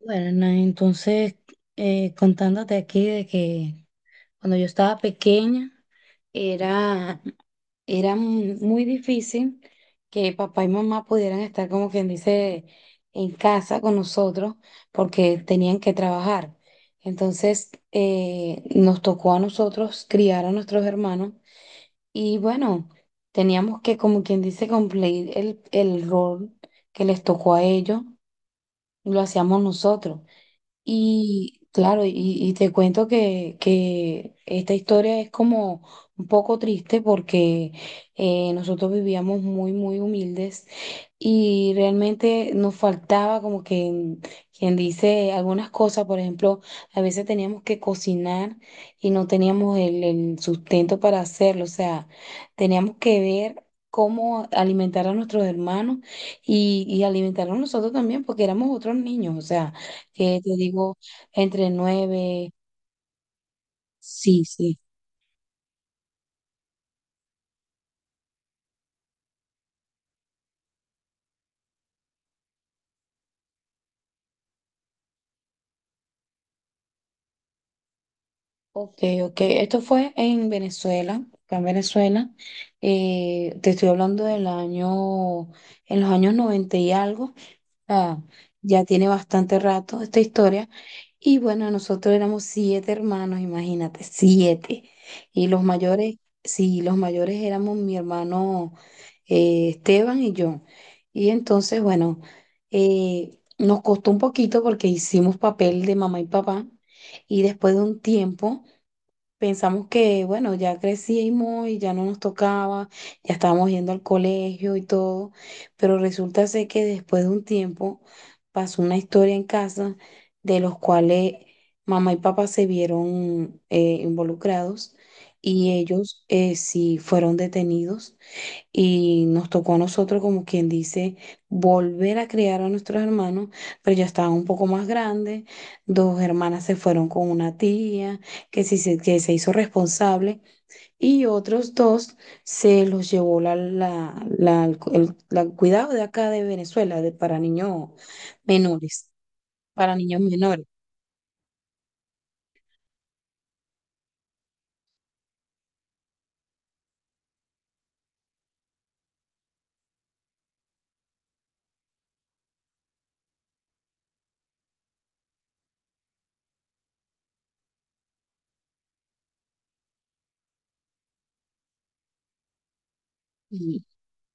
Bueno, entonces contándote aquí de que cuando yo estaba pequeña era, era muy difícil que papá y mamá pudieran estar como quien dice en casa con nosotros porque tenían que trabajar. Entonces nos tocó a nosotros criar a nuestros hermanos y bueno, teníamos que como quien dice cumplir el rol que les tocó a ellos, lo hacíamos nosotros. Y claro, y te cuento que esta historia es como un poco triste porque nosotros vivíamos muy, muy humildes. Y realmente nos faltaba como que, quien dice algunas cosas, por ejemplo, a veces teníamos que cocinar y no teníamos el sustento para hacerlo, o sea, teníamos que ver cómo alimentar a nuestros hermanos y alimentarnos nosotros también, porque éramos otros niños, o sea, que te digo, entre nueve, sí, sí. Ok, ok. Esto fue en Venezuela, acá en Venezuela. Te estoy hablando del año, en los años 90 y algo. Ah, ya tiene bastante rato esta historia. Y bueno, nosotros éramos siete hermanos, imagínate, siete. Y los mayores, sí, los mayores éramos mi hermano Esteban y yo. Y entonces, bueno, nos costó un poquito porque hicimos papel de mamá y papá. Y después de un tiempo. Pensamos que, bueno, ya crecimos y ya no nos tocaba, ya estábamos yendo al colegio y todo, pero resulta ser que después de un tiempo pasó una historia en casa de los cuales mamá y papá se vieron involucrados y ellos sí fueron detenidos y nos tocó a nosotros, como quien dice, volver a criar a nuestros hermanos, pero ya estaban un poco más grandes. Dos hermanas se fueron con una tía que, que se hizo responsable y otros dos se los llevó el cuidado de acá de Venezuela, de, para niños menores, para niños menores.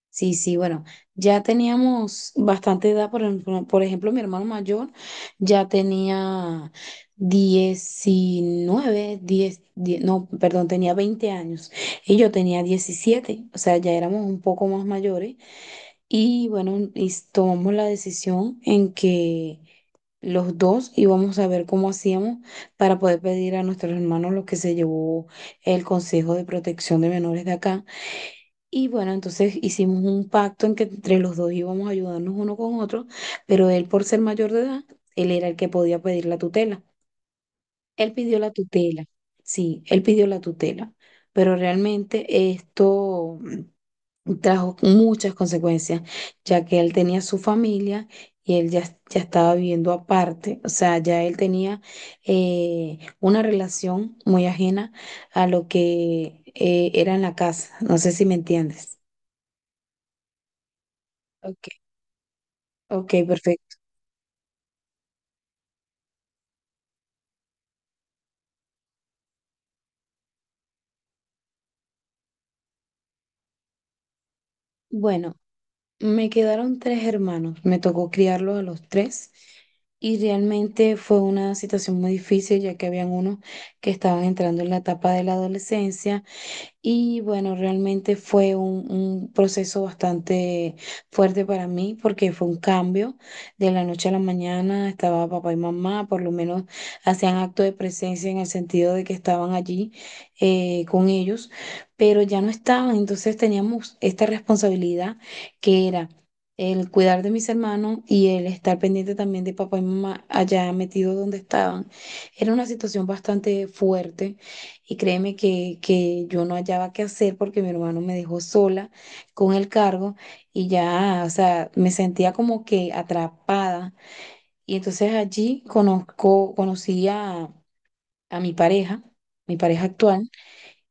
Sí, sí, bueno, ya teníamos bastante edad, por ejemplo, mi hermano mayor ya tenía 19 10 die no, perdón, tenía 20 años y yo tenía 17, o sea, ya éramos un poco más mayores y bueno, tomamos la decisión en que los dos íbamos a ver cómo hacíamos para poder pedir a nuestros hermanos lo que se llevó el Consejo de Protección de Menores de acá y bueno, entonces hicimos un pacto en que entre los dos íbamos a ayudarnos uno con otro, pero él por ser mayor de edad, él era el que podía pedir la tutela. Él pidió la tutela, sí, él pidió la tutela, pero realmente esto, trajo muchas consecuencias, ya que él tenía su familia y él ya, ya estaba viviendo aparte, o sea, ya él tenía una relación muy ajena a lo que era en la casa, no sé si me entiendes. Ok, Ok, perfecto. Bueno, me quedaron tres hermanos, me tocó criarlos a los tres y realmente fue una situación muy difícil ya que habían unos que estaban entrando en la etapa de la adolescencia. Y bueno, realmente fue un proceso bastante fuerte para mí porque fue un cambio de la noche a la mañana. Estaba papá y mamá, por lo menos hacían acto de presencia en el sentido de que estaban allí con ellos, pero ya no estaban. Entonces teníamos esta responsabilidad que era el cuidar de mis hermanos y el estar pendiente también de papá y mamá allá metidos donde estaban. Era una situación bastante fuerte y créeme que yo no hallaba qué hacer porque mi hermano me dejó sola con el cargo y ya, o sea, me sentía como que atrapada. Y entonces allí conocí a mi pareja actual,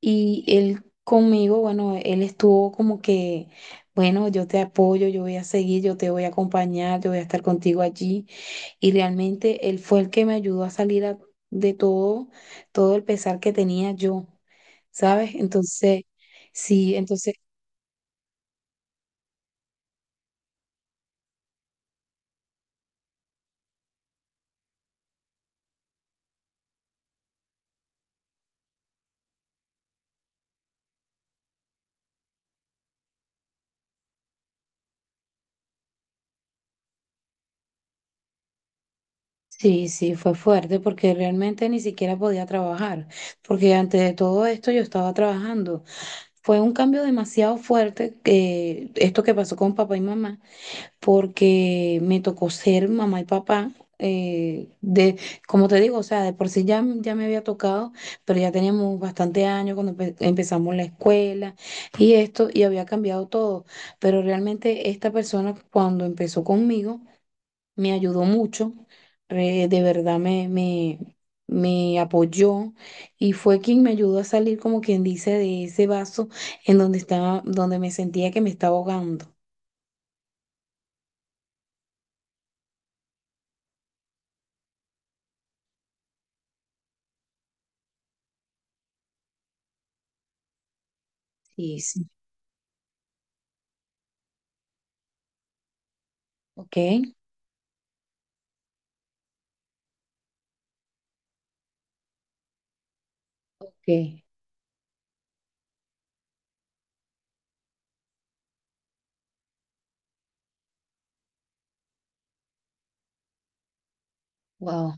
y él conmigo, bueno, él estuvo como que, bueno, yo te apoyo, yo voy a seguir, yo te voy a acompañar, yo voy a estar contigo allí. Y realmente él fue el que me ayudó a de todo, todo el pesar que tenía yo, ¿sabes? Entonces, sí, sí, fue fuerte porque realmente ni siquiera podía trabajar, porque antes de todo esto yo estaba trabajando. Fue un cambio demasiado fuerte que esto que pasó con papá y mamá, porque me tocó ser mamá y papá. eh, de, como te digo, o sea, de por sí ya me había tocado, pero ya teníamos bastante años cuando empezamos la escuela y esto, y había cambiado todo. Pero realmente esta persona cuando empezó conmigo me ayudó mucho, de verdad me apoyó y fue quien me ayudó a salir, como quien dice, de ese vaso en donde estaba, donde me sentía que me estaba ahogando. Sí, sí. ¿Ok? Okay, wow,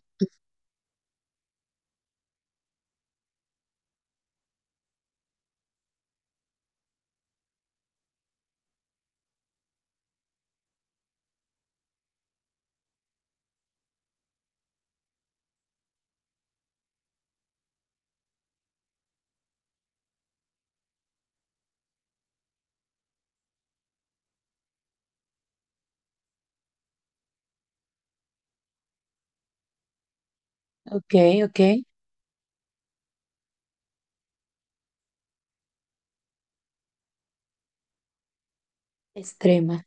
ok, ok, extrema,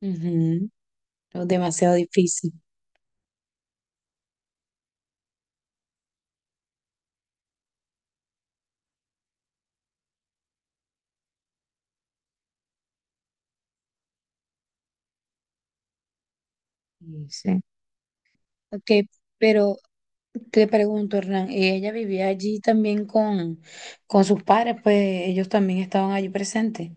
ujú, o demasiado difícil. Y sí. Ok, pero te pregunto, Hernán, ¿y ella vivía allí también con sus padres, pues ellos también estaban allí presentes?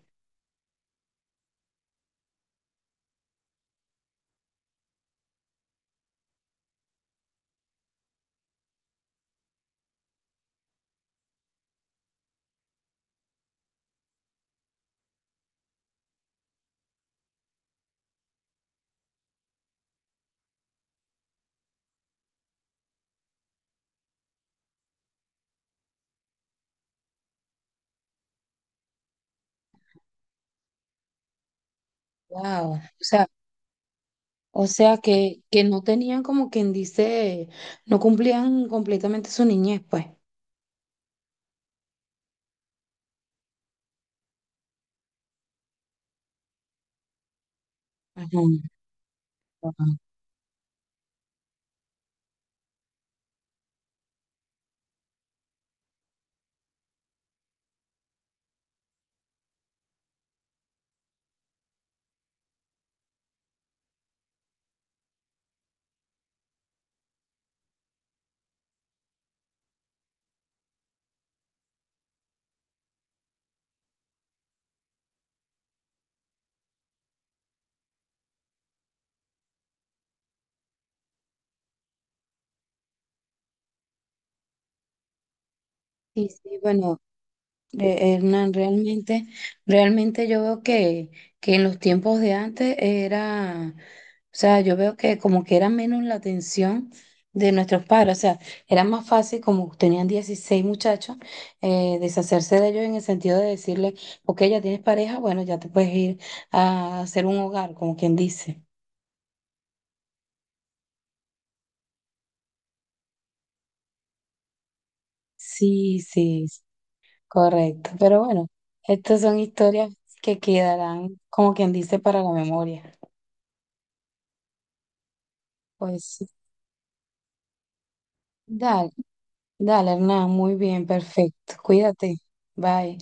Wow, o sea que no tenían como quien dice, no cumplían completamente su niñez, pues. Ajá. Wow. Sí, sí, bueno, Hernán, realmente, realmente yo veo que en los tiempos de antes era, o sea, yo veo que como que era menos la atención de nuestros padres, o sea, era más fácil como tenían 16 muchachos, deshacerse de ellos en el sentido de decirle, ok, ya tienes pareja, bueno, ya te puedes ir a hacer un hogar, como quien dice. Sí, correcto, pero bueno, estas son historias que quedarán, como quien dice, para la memoria. Pues sí. Dale. Dale, Hernán, muy bien, perfecto. Cuídate. Bye.